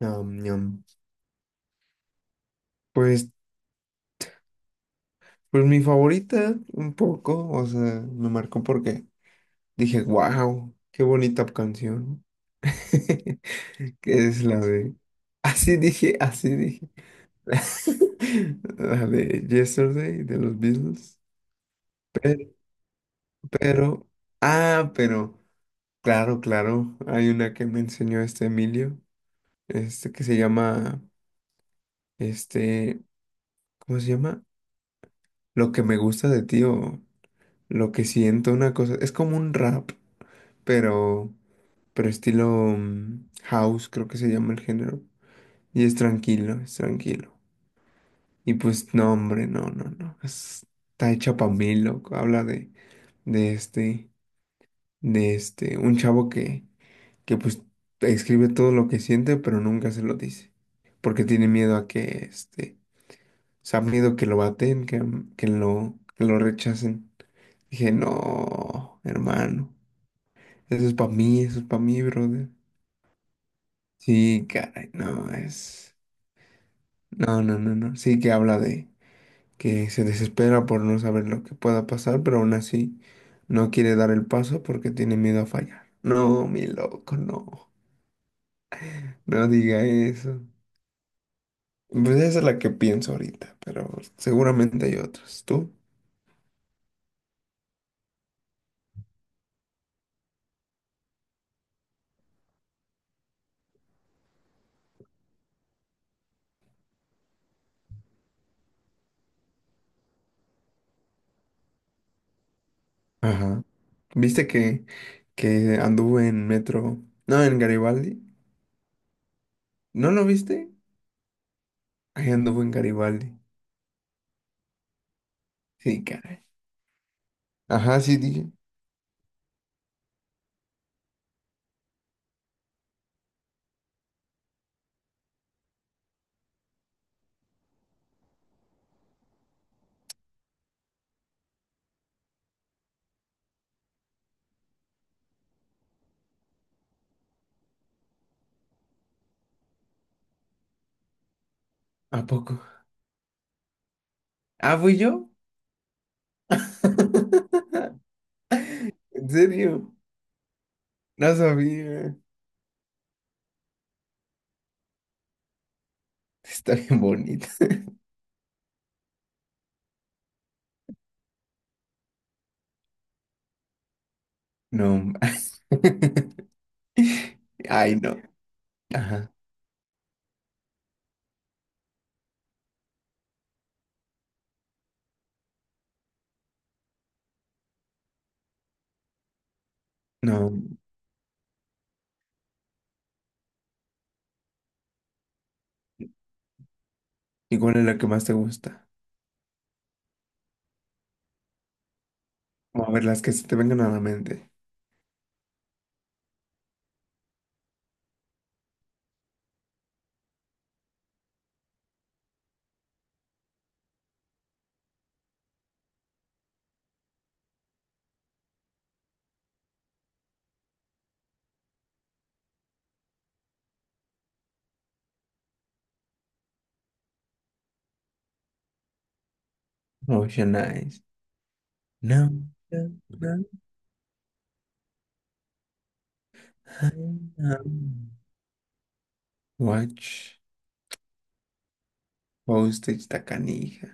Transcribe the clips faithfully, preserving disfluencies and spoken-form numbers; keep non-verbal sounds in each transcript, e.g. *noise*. Ñam, ñam. Pues, pues mi favorita, un poco, o sea, me marcó porque dije, wow, qué bonita canción. *laughs* Que es la de. Así dije, así dije. *laughs* La de Yesterday de los Beatles. Pero, pero, ah, pero, claro, claro, hay una que me enseñó este Emilio, este que se llama, este, ¿cómo se llama? Lo que me gusta de ti o Lo que siento una cosa, es como un rap, pero, pero estilo mm, house, creo que se llama el género. Y es tranquilo, es tranquilo. Y pues no, hombre, no, no, no. es- está hecha pa' mí, loco. Habla de, de este, de este, un chavo que, que pues escribe todo lo que siente, pero nunca se lo dice. Porque tiene miedo a que, este, o sea, miedo que lo baten, que, que lo, que lo rechacen. Dije, no, hermano. Eso es para mí, eso es para mí, brother. Sí, caray, no, es... No, no, no, no. Sí que habla de que se desespera por no saber lo que pueda pasar, pero aún así no quiere dar el paso porque tiene miedo a fallar. No, mi loco, no. No diga eso. Pues esa es la que pienso ahorita, pero seguramente hay otras. ¿Tú? Ajá. ¿Viste que, que anduve en metro? No, en Garibaldi. ¿No lo viste? Ahí anduvo en Garibaldi. Sí, caray. Ajá, sí, dije. ¿A poco? ¿Ah, fui yo? *laughs* ¿En serio? No sabía. Está bien bonita. No. *laughs* Ay, no. Ajá. No. ¿Y cuál es la que más te gusta? Vamos a ver las que se te vengan a la mente. Ocean Eyes. No, no, no, ay, no. Watch. Postage, ta canija.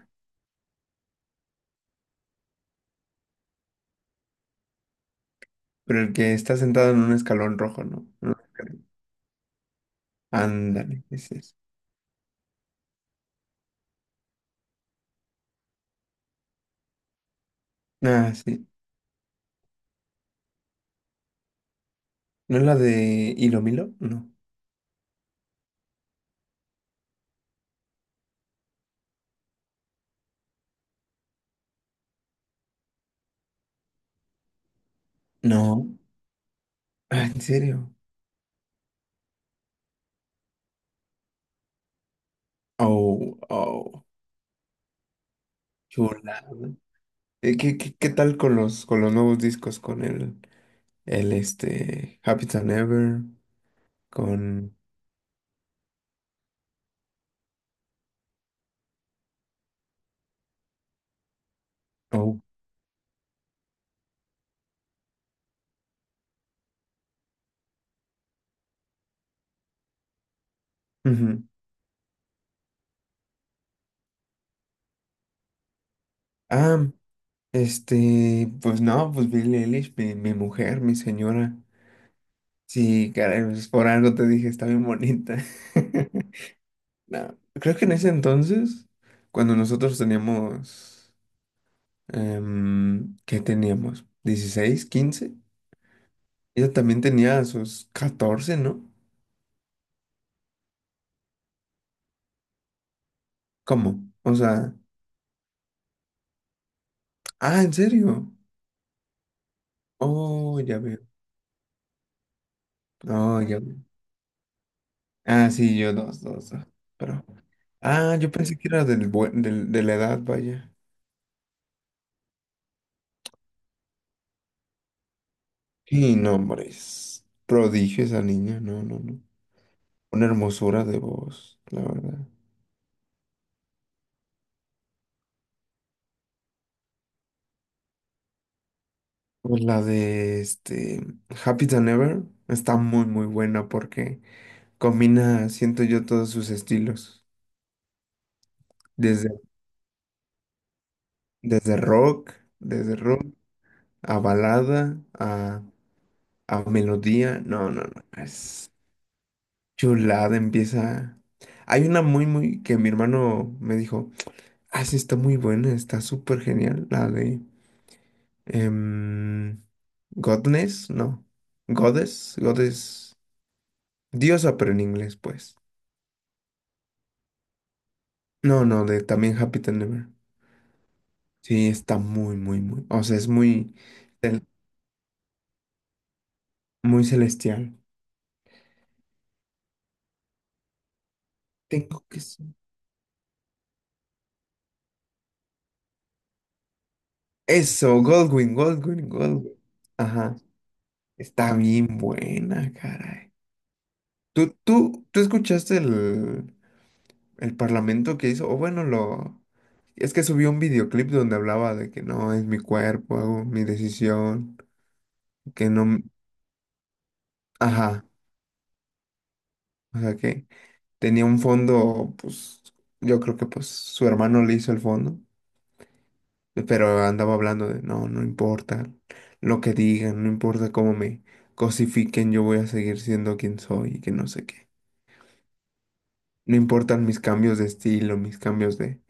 Pero el que está sentado en un escalón rojo, ¿no? En un escalón. Ándale, ese es. Ah, sí. ¿No es la de Hilo Milo? No. No. Ah, ¿en serio? Oh, oh, chulada. Eh, ¿Qué, qué, qué tal con los, con los nuevos discos? Con el, el este, Happy Than Ever, con... Oh. Ujú. Ah, este, pues no, pues Billie Eilish, mi, mi mujer, mi señora. Sí, caray, pues por algo te dije, está bien bonita. *laughs* No, creo que en ese entonces, cuando nosotros teníamos... Em, ¿Qué teníamos? Dieciséis, quince. Ella también tenía sus catorce, ¿no? ¿Cómo? O sea, ah, ¿en serio? Oh, ya veo. Oh, ya veo. Ah, sí, yo dos, dos, dos. Pero, ah, yo pensé que era del, buen- del- de la edad, vaya. Y no, hombre, es prodigio esa niña, no, no, no. Una hermosura de voz, la verdad. Pues la de este Happy Than Ever está muy, muy buena porque combina, siento yo, todos sus estilos. Desde, desde rock, desde rock, a balada, a, a melodía. No, no, no. Es chulada, empieza. Hay una muy, muy, que mi hermano me dijo, ah, sí, está muy buena, está súper genial. La de em, Godness, no. Goddess, Goddess. Diosa, pero en inglés, pues. No, no, de también Happy Than Ever. Sí, está muy, muy, muy. O sea, es muy. Muy celestial. Tengo que... s- Eso, Goldwyn, Goldwyn, Goldwyn. Ajá. Está bien buena, caray. ¿Tú, tú, tú escuchaste el, el parlamento que hizo? O bueno, lo. Es que subió un videoclip donde hablaba de que no, es mi cuerpo, hago mi decisión, que no... m- Ajá. O sea que tenía un fondo, pues yo creo que pues su hermano le hizo el fondo. Pero andaba hablando de, no, no importa lo que digan, no importa cómo me cosifiquen, yo voy a seguir siendo quien soy y que no sé qué. No importan mis cambios de estilo, mis cambios de,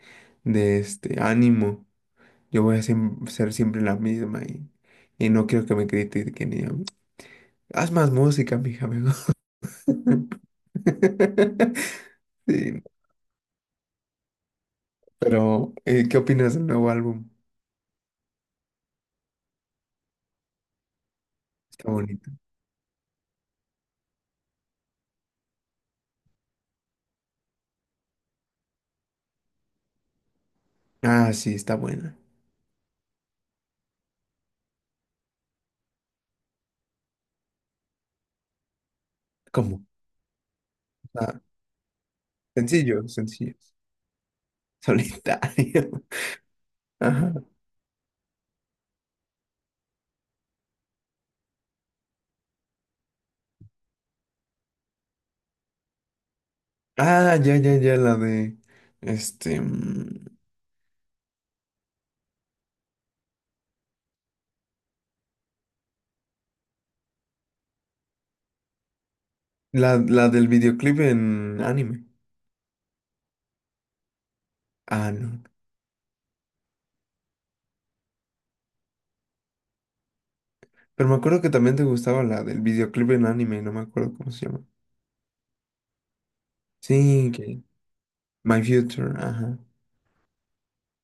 de este ánimo, yo voy a siem- ser siempre la misma y, y no quiero que me critiquen y yo, haz más música, mija, mejor". *laughs* Sí, pero, eh, ¿qué opinas del nuevo álbum? Está bonito. Ah, sí, está buena. ¿Cómo? Ah, sencillo, sencillo. Solitario. *laughs* Ajá. Ah, ya, ya, ya, la de. Este. mm, La, la del videoclip en anime. Ah, no. Pero me acuerdo que también te gustaba la del videoclip en anime, no me acuerdo cómo se llama. Sí, que. My Future, ajá.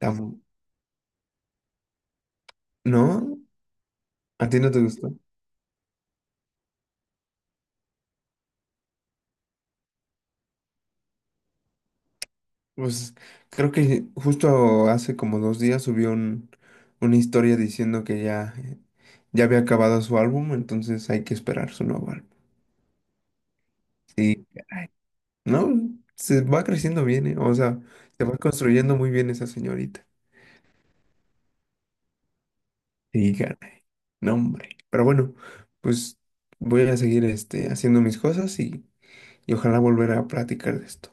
Tam- ¿No? ¿A ti no te gustó? Pues creo que justo hace como dos días subió un- una historia diciendo que ya, ya había acabado su álbum, entonces hay que esperar su nuevo álbum. Sí. No, se va creciendo bien, ¿eh? O sea, se va construyendo muy bien esa señorita. Y caray, no, hombre. Pero bueno, pues voy a seguir este, haciendo mis cosas y, y ojalá volver a platicar de esto.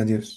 Adiós.